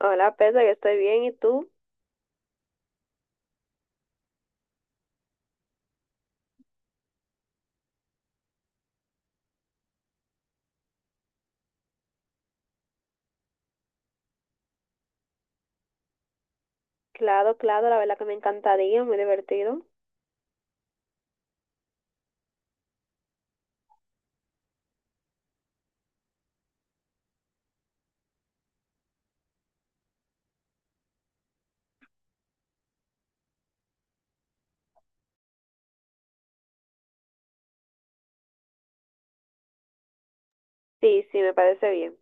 Hola, Pedro, yo estoy bien. ¿Y tú? Claro, claro, la verdad que me encantaría, muy divertido. Sí, sí, me parece bien.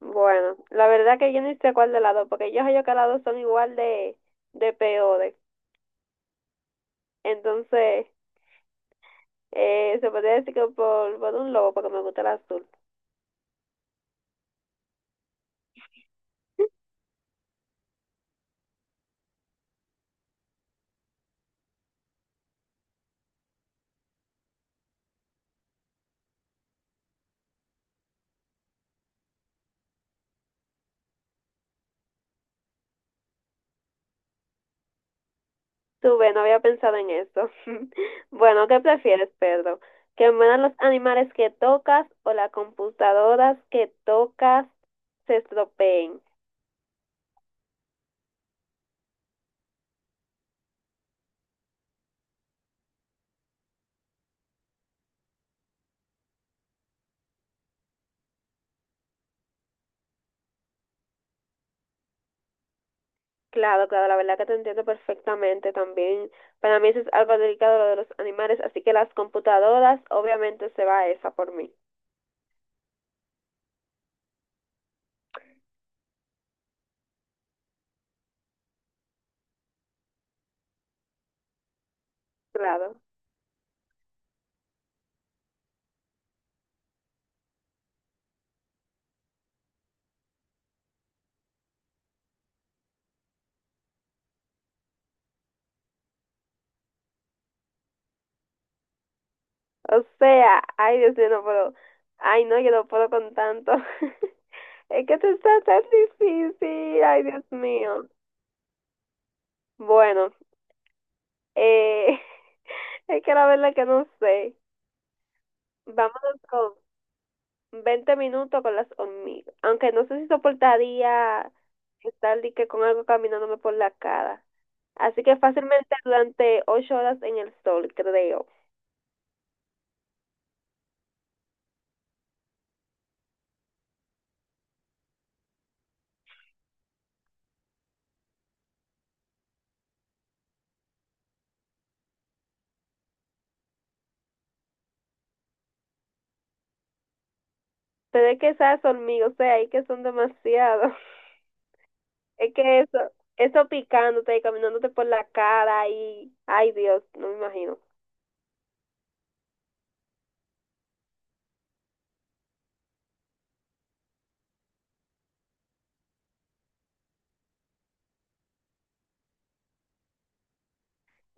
Bueno, la verdad que yo ni sé cuál de las dos, porque yo sé que las dos son igual de peores. Entonces, se podría decir que por un lobo, porque me gusta el azul. Tú ve, no había pensado en eso. Bueno, ¿qué prefieres, Pedro? ¿Que mueran los animales que tocas o las computadoras que tocas se estropeen? Claro, claro, la verdad que te entiendo perfectamente también. Para mí eso es algo delicado lo de los animales, así que las computadoras, obviamente se va esa por mí. Claro. O sea, ay Dios mío, no puedo. Ay no, yo no puedo con tanto. Es que esto está tan difícil, ay Dios mío. Bueno, eh, es que la verdad que no sé. Vámonos con 20 minutos con las hormigas. Aunque no sé si soportaría estar de que con algo caminándome por la cara. Así que fácilmente durante 8 horas en el sol, creo. Pero es que esas hormigas, o sea, es que son demasiado. Es que eso picándote y caminándote por la cara y, ay Dios, no me imagino.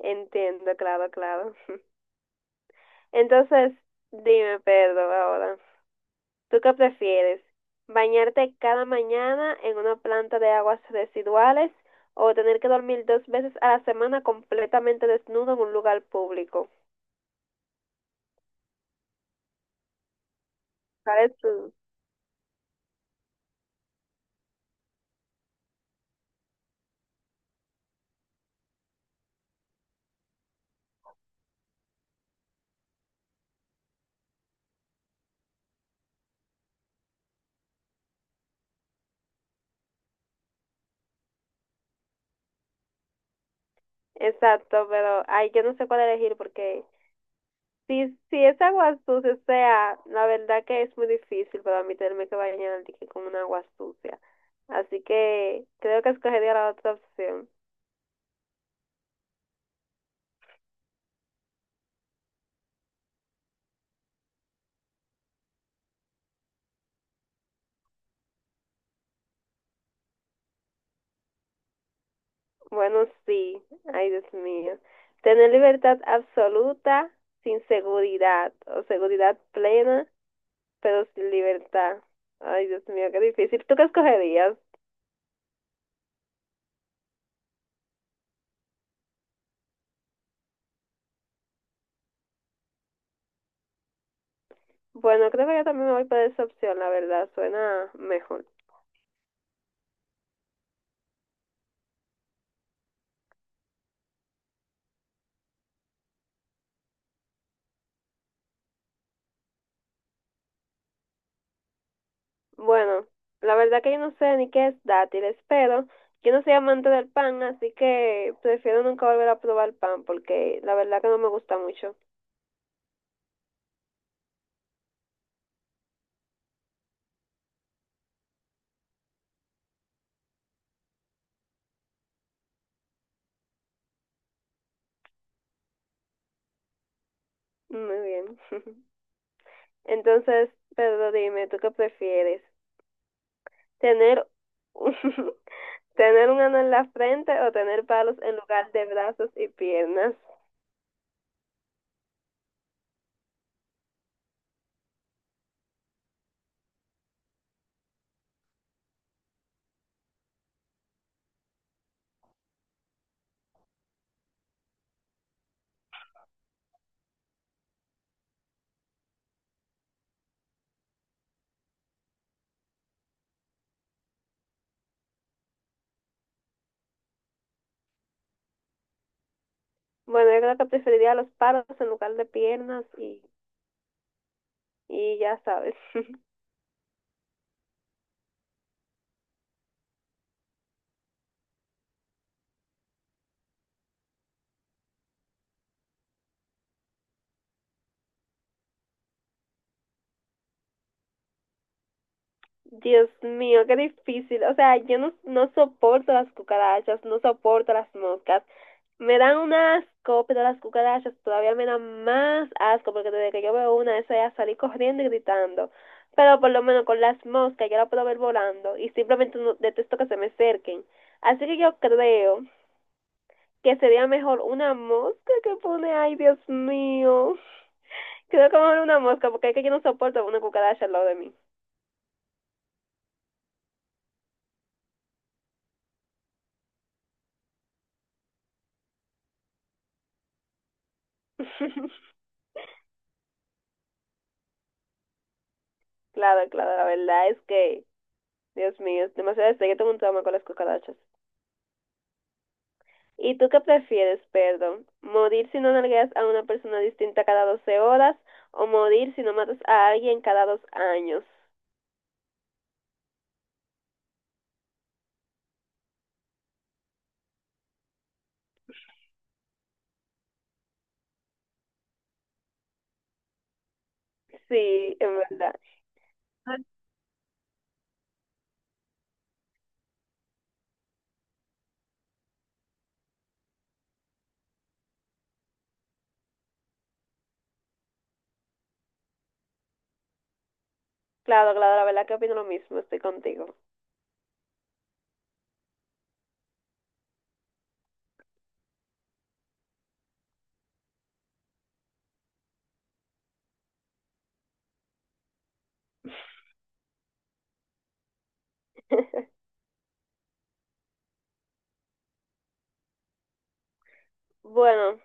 Entiendo, claro, claro. Entonces, dime, Pedro, ahora, ¿tú qué prefieres? ¿Bañarte cada mañana en una planta de aguas residuales o tener que dormir dos veces a la semana completamente desnudo en un lugar público? ¿Cuál es tu? Exacto, pero ay, yo no sé cuál elegir porque si es agua sucia, o sea, la verdad que es muy difícil para mí tenerme que bañar de que con una agua sucia. Así que creo que escogería la otra opción. Bueno, sí, ay Dios mío. Tener libertad absoluta sin seguridad o seguridad plena, pero sin libertad. Ay Dios mío, qué difícil. ¿Tú qué escogerías? Bueno, creo que yo también me voy por esa opción, la verdad, suena mejor. Bueno, la verdad que yo no sé ni qué es dátiles, pero yo no soy amante del pan, así que prefiero nunca volver a probar pan porque la verdad que no me gusta mucho. Muy bien. Entonces, Pedro, dime, ¿tú qué prefieres? ¿Tener un, tener un ano en la frente o tener palos en lugar de brazos y piernas? Bueno, yo creo que preferiría los palos en lugar de piernas y ya sabes. Dios mío, qué difícil. O sea, yo no soporto las cucarachas, no soporto las moscas. Me dan un asco, pero las cucarachas todavía me dan más asco porque desde que yo veo una, eso ya salí corriendo y gritando. Pero por lo menos con las moscas yo la puedo ver volando y simplemente no, detesto que se me acerquen. Así que yo creo que sería mejor una mosca que pone, ay Dios mío, creo que mejor una mosca porque es que yo no soporto una cucaracha al lado de mí. Claro, claro, la verdad es que Dios mío, demasiado sé que tengo un trauma con las cucarachas. ¿Y tú qué prefieres, perdón? ¿Morir si no nalgueas a una persona distinta cada 12 horas o morir si no matas a alguien cada 2 años? Sí, en verdad. Claro, claro, la verdad que opino lo mismo, estoy contigo. Bueno,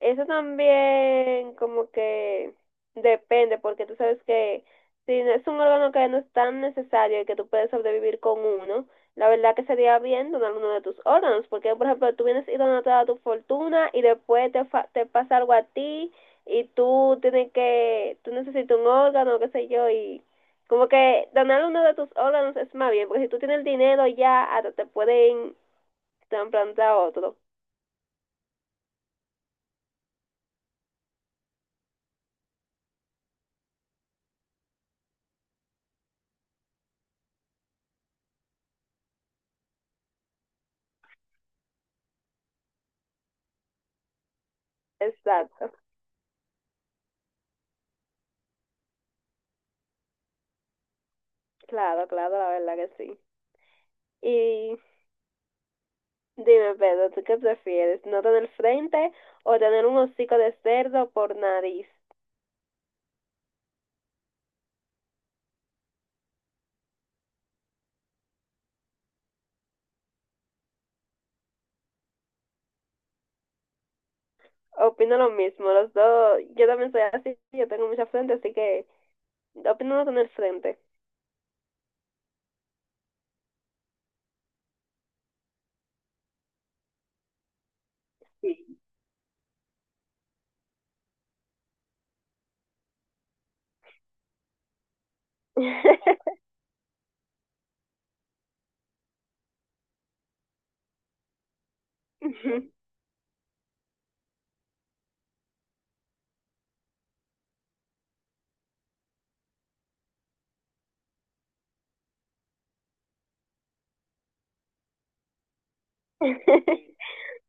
eso también como que depende, porque tú sabes que si no es un órgano que no es tan necesario y que tú puedes sobrevivir con uno, la verdad que sería bien donar uno de tus órganos, porque por ejemplo tú vienes y donas toda tu fortuna y después te pasa algo a ti y tú necesitas un órgano, qué sé yo, y como que donar uno de tus órganos es más bien, porque si tú tienes el dinero ya hasta te pueden trasplantar otro. Exacto, claro, claro, la verdad que sí. Y dime, Pedro, ¿tú qué prefieres? ¿No tener frente o tener un hocico de cerdo por nariz? Opino lo mismo, los dos. Yo también soy así, yo tengo mucha frente, así que opino no tener frente. Sí.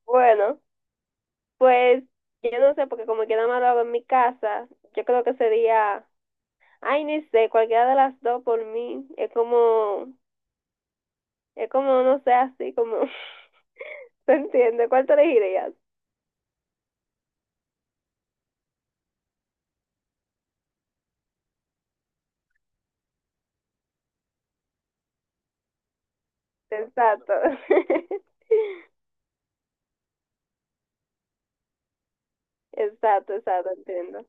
Bueno, pues yo no sé, porque como quiera más lo hago en mi casa, yo creo que sería, ay, ni sé, cualquiera de las dos por mí. Es como, no sé, así como, ¿se entiende? ¿Cuál te elegirías? Exacto. Exacto, exacto, entiendo.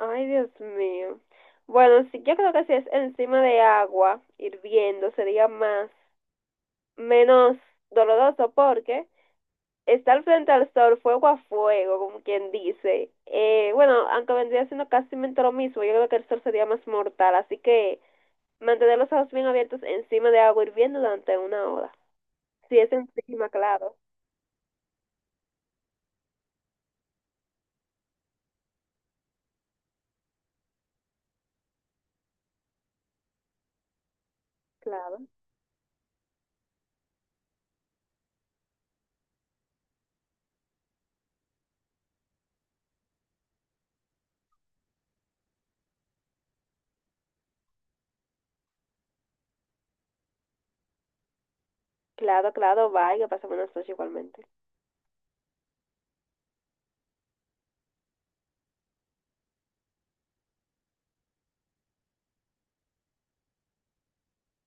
Ay, Dios mío. Bueno, sí, yo creo que si es encima de agua, hirviendo, sería más, menos doloroso porque estar frente al sol, fuego a fuego, como quien dice. Bueno, aunque vendría siendo casi lo mismo, yo creo que el sol sería más mortal, así que mantener los ojos bien abiertos encima de agua hirviendo durante 1 hora. Si es encima, claro, claro, claro, claro, vaya, pasa buenas noches igualmente.